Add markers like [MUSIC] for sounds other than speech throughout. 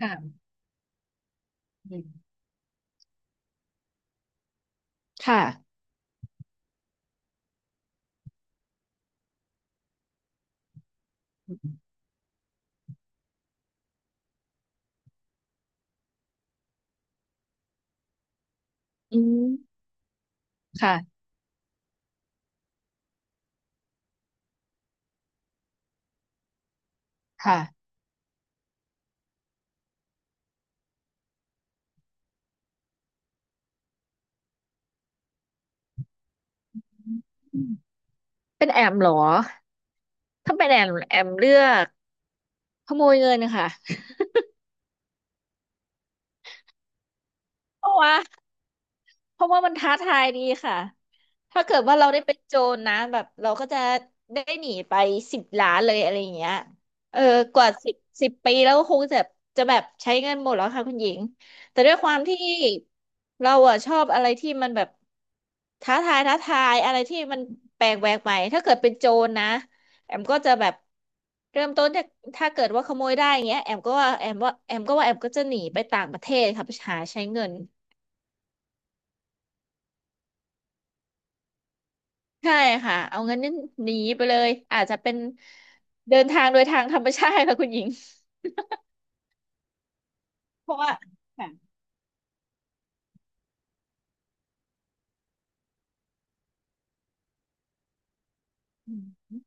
ค่ะอืมค่ะอืมค่ะ ค่ะอืมเป็นแอมเหรอ ถ้าเป็นแอมเลือกขโมยเงินค่ะเพราะว่าเพราะว่ามันท้าทายดีค่ะ ถ้าเกิดว่าเราได้เป็นโจรนะแบบเราก็จะได้หนีไป10 ล้านเลยอะไรอย่างเงี้ยเออกว่าสิบปีแล้วก็คงจะแบบใช้เงินหมดแล้วค่ะคุณหญิงแต่ด้วยความที่เราอะชอบอะไรที่มันแบบท้าทายท้าทายอะไรที่มันแปลกแหวกใหม่ถ้าเกิดเป็นโจรนะแอมก็จะแบบเริ่มต้นจากถ้าเกิดว่าขโมยได้อย่างเงี้ยแอมก็ว่าแอมว่าแอมก็ว่าแอมก็จะหนีไปต่างประเทศค่ะไปหาใช้เงิน ใช่ค่ะเอางั้นนี่หนีไปเลยอาจจะเป็นเดินทางโดยทางธรรมชาติค่ะ [LAUGHS] คุณหญิงเพราะว่าค่ะอืม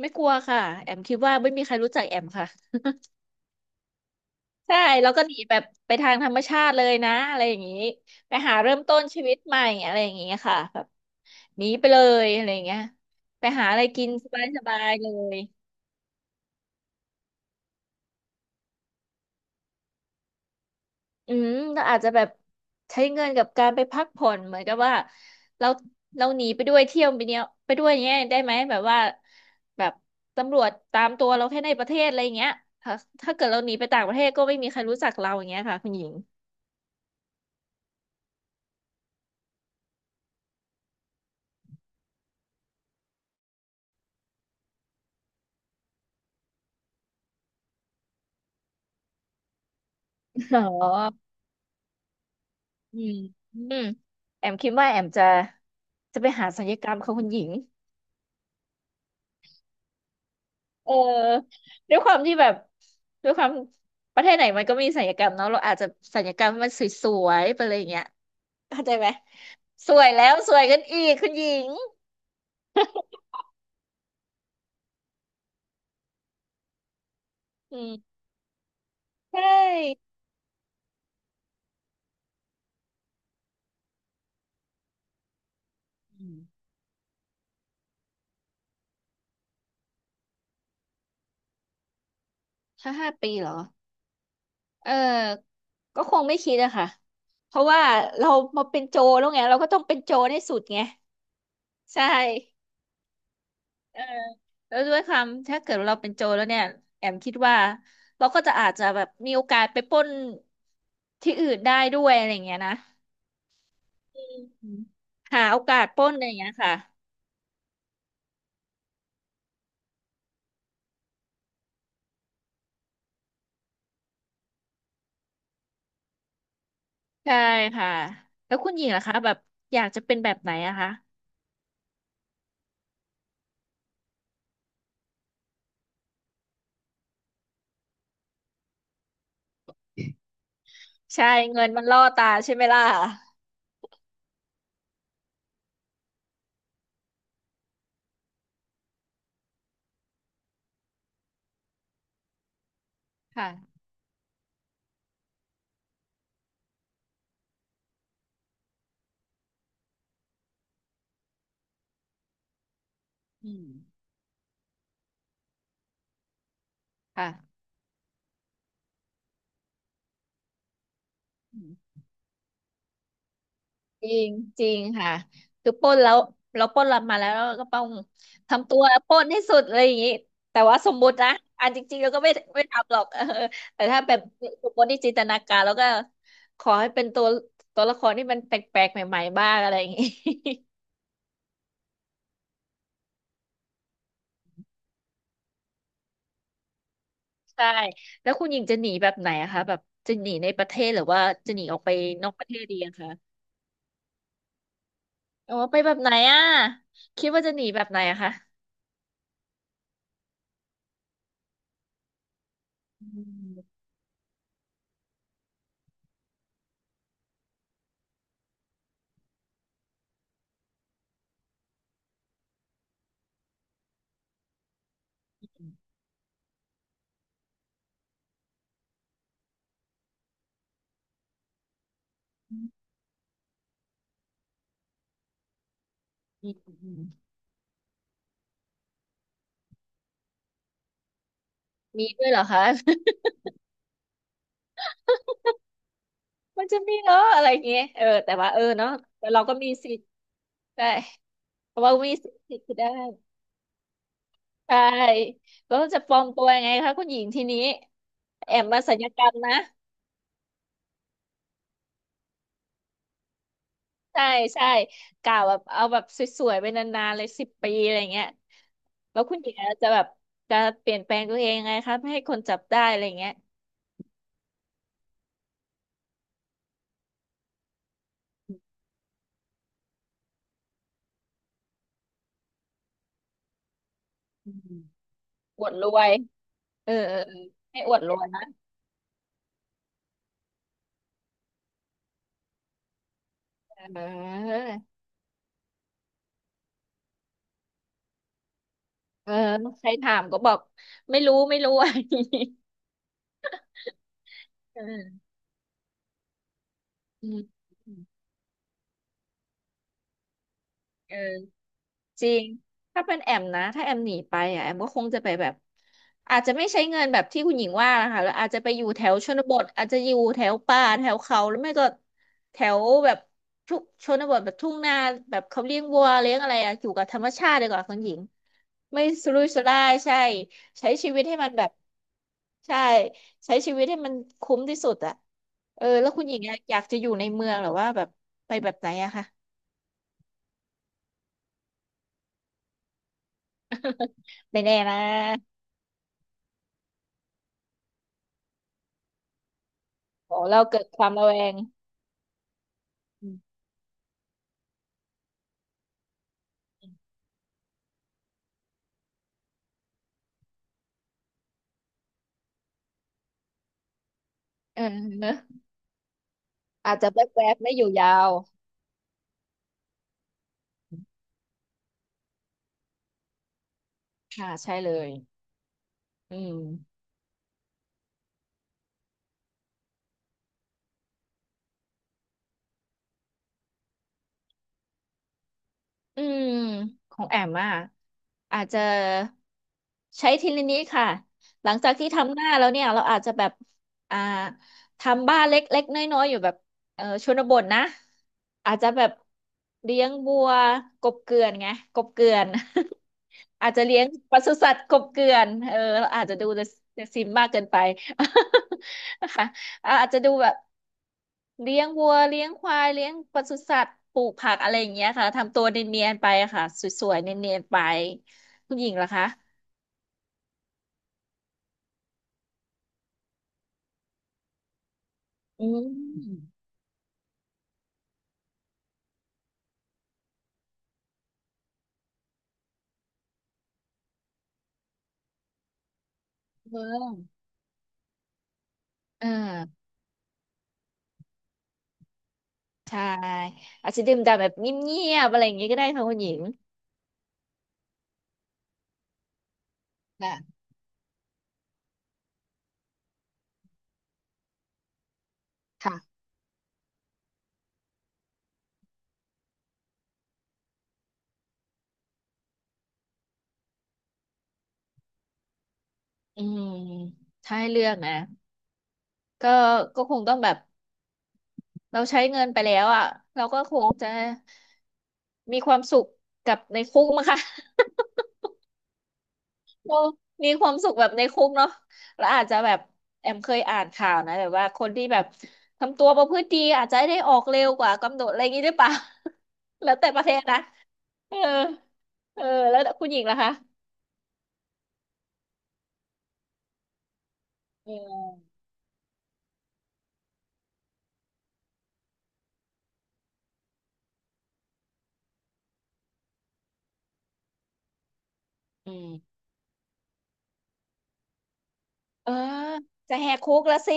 ไม่กลัวค่ะแอมคิดว่าไม่มีใครรู้จักแอมค่ะใช่แล้วก็หนีแบบไปทางธรรมชาติเลยนะอะไรอย่างนี้ไปหาเริ่มต้นชีวิตใหม่อะไรอย่างนี้ค่ะแบบหนีไปเลยอะไรอย่างเงี้ยไปหาอะไรกินสบายๆเลย อืมเราอาจจะแบบใช้เงินกับการไปพักผ่อนเหมือนกับว่าเราเราหนีไปด้วยเที่ยวไปเนี้ยไปด้วยเนี้ยได้ไหมแบบว่าแบบตำรวจตามตัวเราแค่ในประเทศอะไรอย่างเงี้ยถ้าถ้าเกิดเราหนีไปต่างประเทศก็ไม่มีใครรู้จักเราอย่างเงี้ยค่ะคุณหญิงอ๋ออืมอืมแอมคิดว่าแอมจะไปหาศัลยกรรมค่ะคุณหญิงเออด้วยความที่แบบด้วยความประเทศไหนมันก็มีศัลยกรรมเนาะเราอาจจะศัลยกรรมให้มันสวยๆไปเลยอย่างเงี้ยเข้าใจไหม สวยแล้วสวยกันอีกคุณหญิงอืมใช่อืมถ้า5 ปีเหรอเออก็คงไม่คิดอะค่ะเพราะว่าเรามาเป็นโจรแล้วไงเราก็ต้องเป็นโจรให้สุดไงใช่เออแล้วด้วยความถ้าเกิดเราเป็นโจรแล้วเนี่ยแอมคิดว่าเราก็จะอาจจะแบบมีโอกาสไปปล้นที่อื่นได้ด้วยอะไรอย่างเงี้ยนะอืมหาโอกาสปล้นอะไรอย่างเงี้ยค่ะใช่ค่ะแล้วคุณหญิงล่ะคะแบบอยากจะเป็นแบบไหนอะคะ ใช่เงินมันล่อตาใช่ไหมล่ะค่ะอืมค่ะอืมจริงจริงค่ะคือปล้นแล้วเราปล้นเรามาแล้วเราก็ต้องทำตัวปล้นให้สุดอะไรอย่างนี้แต่ว่าสมมุตินะอันจริงๆเราก็ไม่ทำหรอก [LAUGHS] เออแต่ถ้าแบบสมมติที่จินตนาการแล้วก็ขอให้เป็นตัวละครที่มันแปลกๆใหม่ๆบ้างอะไรอย่างนี้ [LAUGHS] ใช่แล้วคุณหญิงจะหนีแบบไหนอะคะแบบจะหนีในประเทศหรือว่าจะหนีออกไปนอกประเทศดีอะคะ โอ้ไปแบบไหนอ่ะคิดว่าจะหนีแบบไหนอะคะอืมมีด้วยเหรอคะ [LAUGHS] มันจะมีเหรออะไรอย่างเงี้ยเออแต่ว่าเออเนาะแต่เราก็มีสิทธิ์ใช่เพราะว่ามีสิทธิ์คือได้ใช่แล้วจะปลอมตัวยังไงคะคุณหญิงทีนี้แอมมาศัลยกรรมนะใช่ใช่กล่าวแบบเอาแบบสวยๆไปนานๆเลยสิบปีอะไรเงี้ยแล้วคุณหญิงอาจจะแบบจะเปลี่ยนแปลงตัวเองยังไงคะไม่ให้คนจับได้อะไรเงี้ย อวดรวยเออเออเออให้อวดรวยนะเออเออใครถามก็บอกไม่รู้ไม่รู้อะไรอย่างงี้เอออืมเออ จริง ถ้าเป็นแอมนะถ้าแอมหนีไปอ่ะแอมก็คงจะไปแบบอาจจะไม่ใช้เงินแบบที่คุณหญิงว่านะคะแล้วอาจจะไปอยู่แถวชนบทอาจจะอยู่แถวป่าแถวเขาหรือไม่ก็แถวแบบทุกชนบทแบบทุ่งนาแบบเขาเลี้ยงวัวเลี้ยงอะไรอะอยู่กับธรรมชาติดีกว่าคุณหญิงไม่สุรุ่ยสุร่ายใช่ใช้ชีวิตให้มันแบบใช่ใช้ชีวิตให้มันคุ้มที่สุดอะเออแล้วคุณหญิงอะอยากจะอยู่ในเมืองหรือว่าแบบไปแบบไหนอะคะไม่แน่นะ โอ้เราเกิดความระแวงอืมเออเนอะอาจจะแวบๆไม่อยู่ยาวค่ะใช่เลยอืม อืมของแอมอ่ะอาจจะใช้ทีละนิดค่ะหลังจากที่ทำหน้าแล้วเนี่ยเราอาจจะแบบอ่าทำบ้านเล็กๆน้อยๆอยู่แบบเออชนบทนะอาจจะแบบเลี้ยงบัวกบเกลื่อนไงกบเกลื่อน [LAUGHS] อาจจะเลี้ยงปศุสัตว์กบเกลื่อนเออเราอาจจะดูแต่ซิมมากเกินไป [LAUGHS] นะคะ อ่ะอาจจะดูแบบเลี้ยงวัวเลี้ยงควายเลี้ยงปศุสัตว์ปลูกผักอะไรอย่างเงี้ยค่ะทำตัวเนียนๆไปค่ะสวยๆเนียนๆไปคุณหญิงเหรอคะอืมเอออ่าใช่อาจจะดื่มด่ำแบบเงียบๆอะไรอย่างเงี้ยก็ได้ค่ะคุณหญิงนะค่ะอืมถ้าให้เลือกนะก็ก็คงต้องแบบเราใช้เงินไปแล้วอ่ะเราก็คงจะมีความสุขกับในคุกมั้งคะ เรามีความสุขแบบในคุกเนาะแล้วอาจจะแบบแอมเคยอ่านข่าวนะแบบว่าคนที่แบบทำตัวประพฤติดีอาจจะได้ออกเร็วกว่ากำหนดอะไรอย่างนี้หรือเปล่า [LAUGHS] แล้วแต่ประเทศนะเออเออแล้วคุณหญิงล่ะคะอืมอืมเออจะแหกคุกแล้วสิ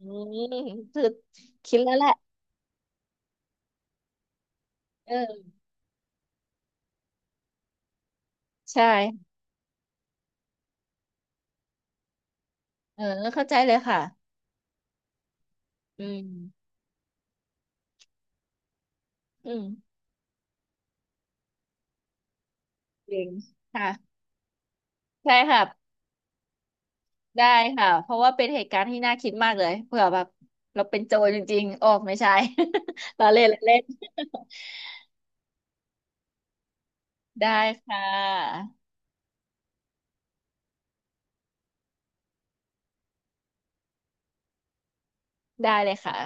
อืมคือคิดแล้วแหละเออใช่เออเข้าใจเลยค่ะอืมอืมจริงค่ะใช่ค่ะ ได้ค่ะ เพราะว่าเป็นเหตุการณ์ที่น่าคิดมากเลยเผื่อแบบเราเป็นโจรจริงๆ ออกไม่ใช่ [LAUGHS] เราเล่นเราเล่น [LAUGHS] ได้ค่ะได้เลยค่ะ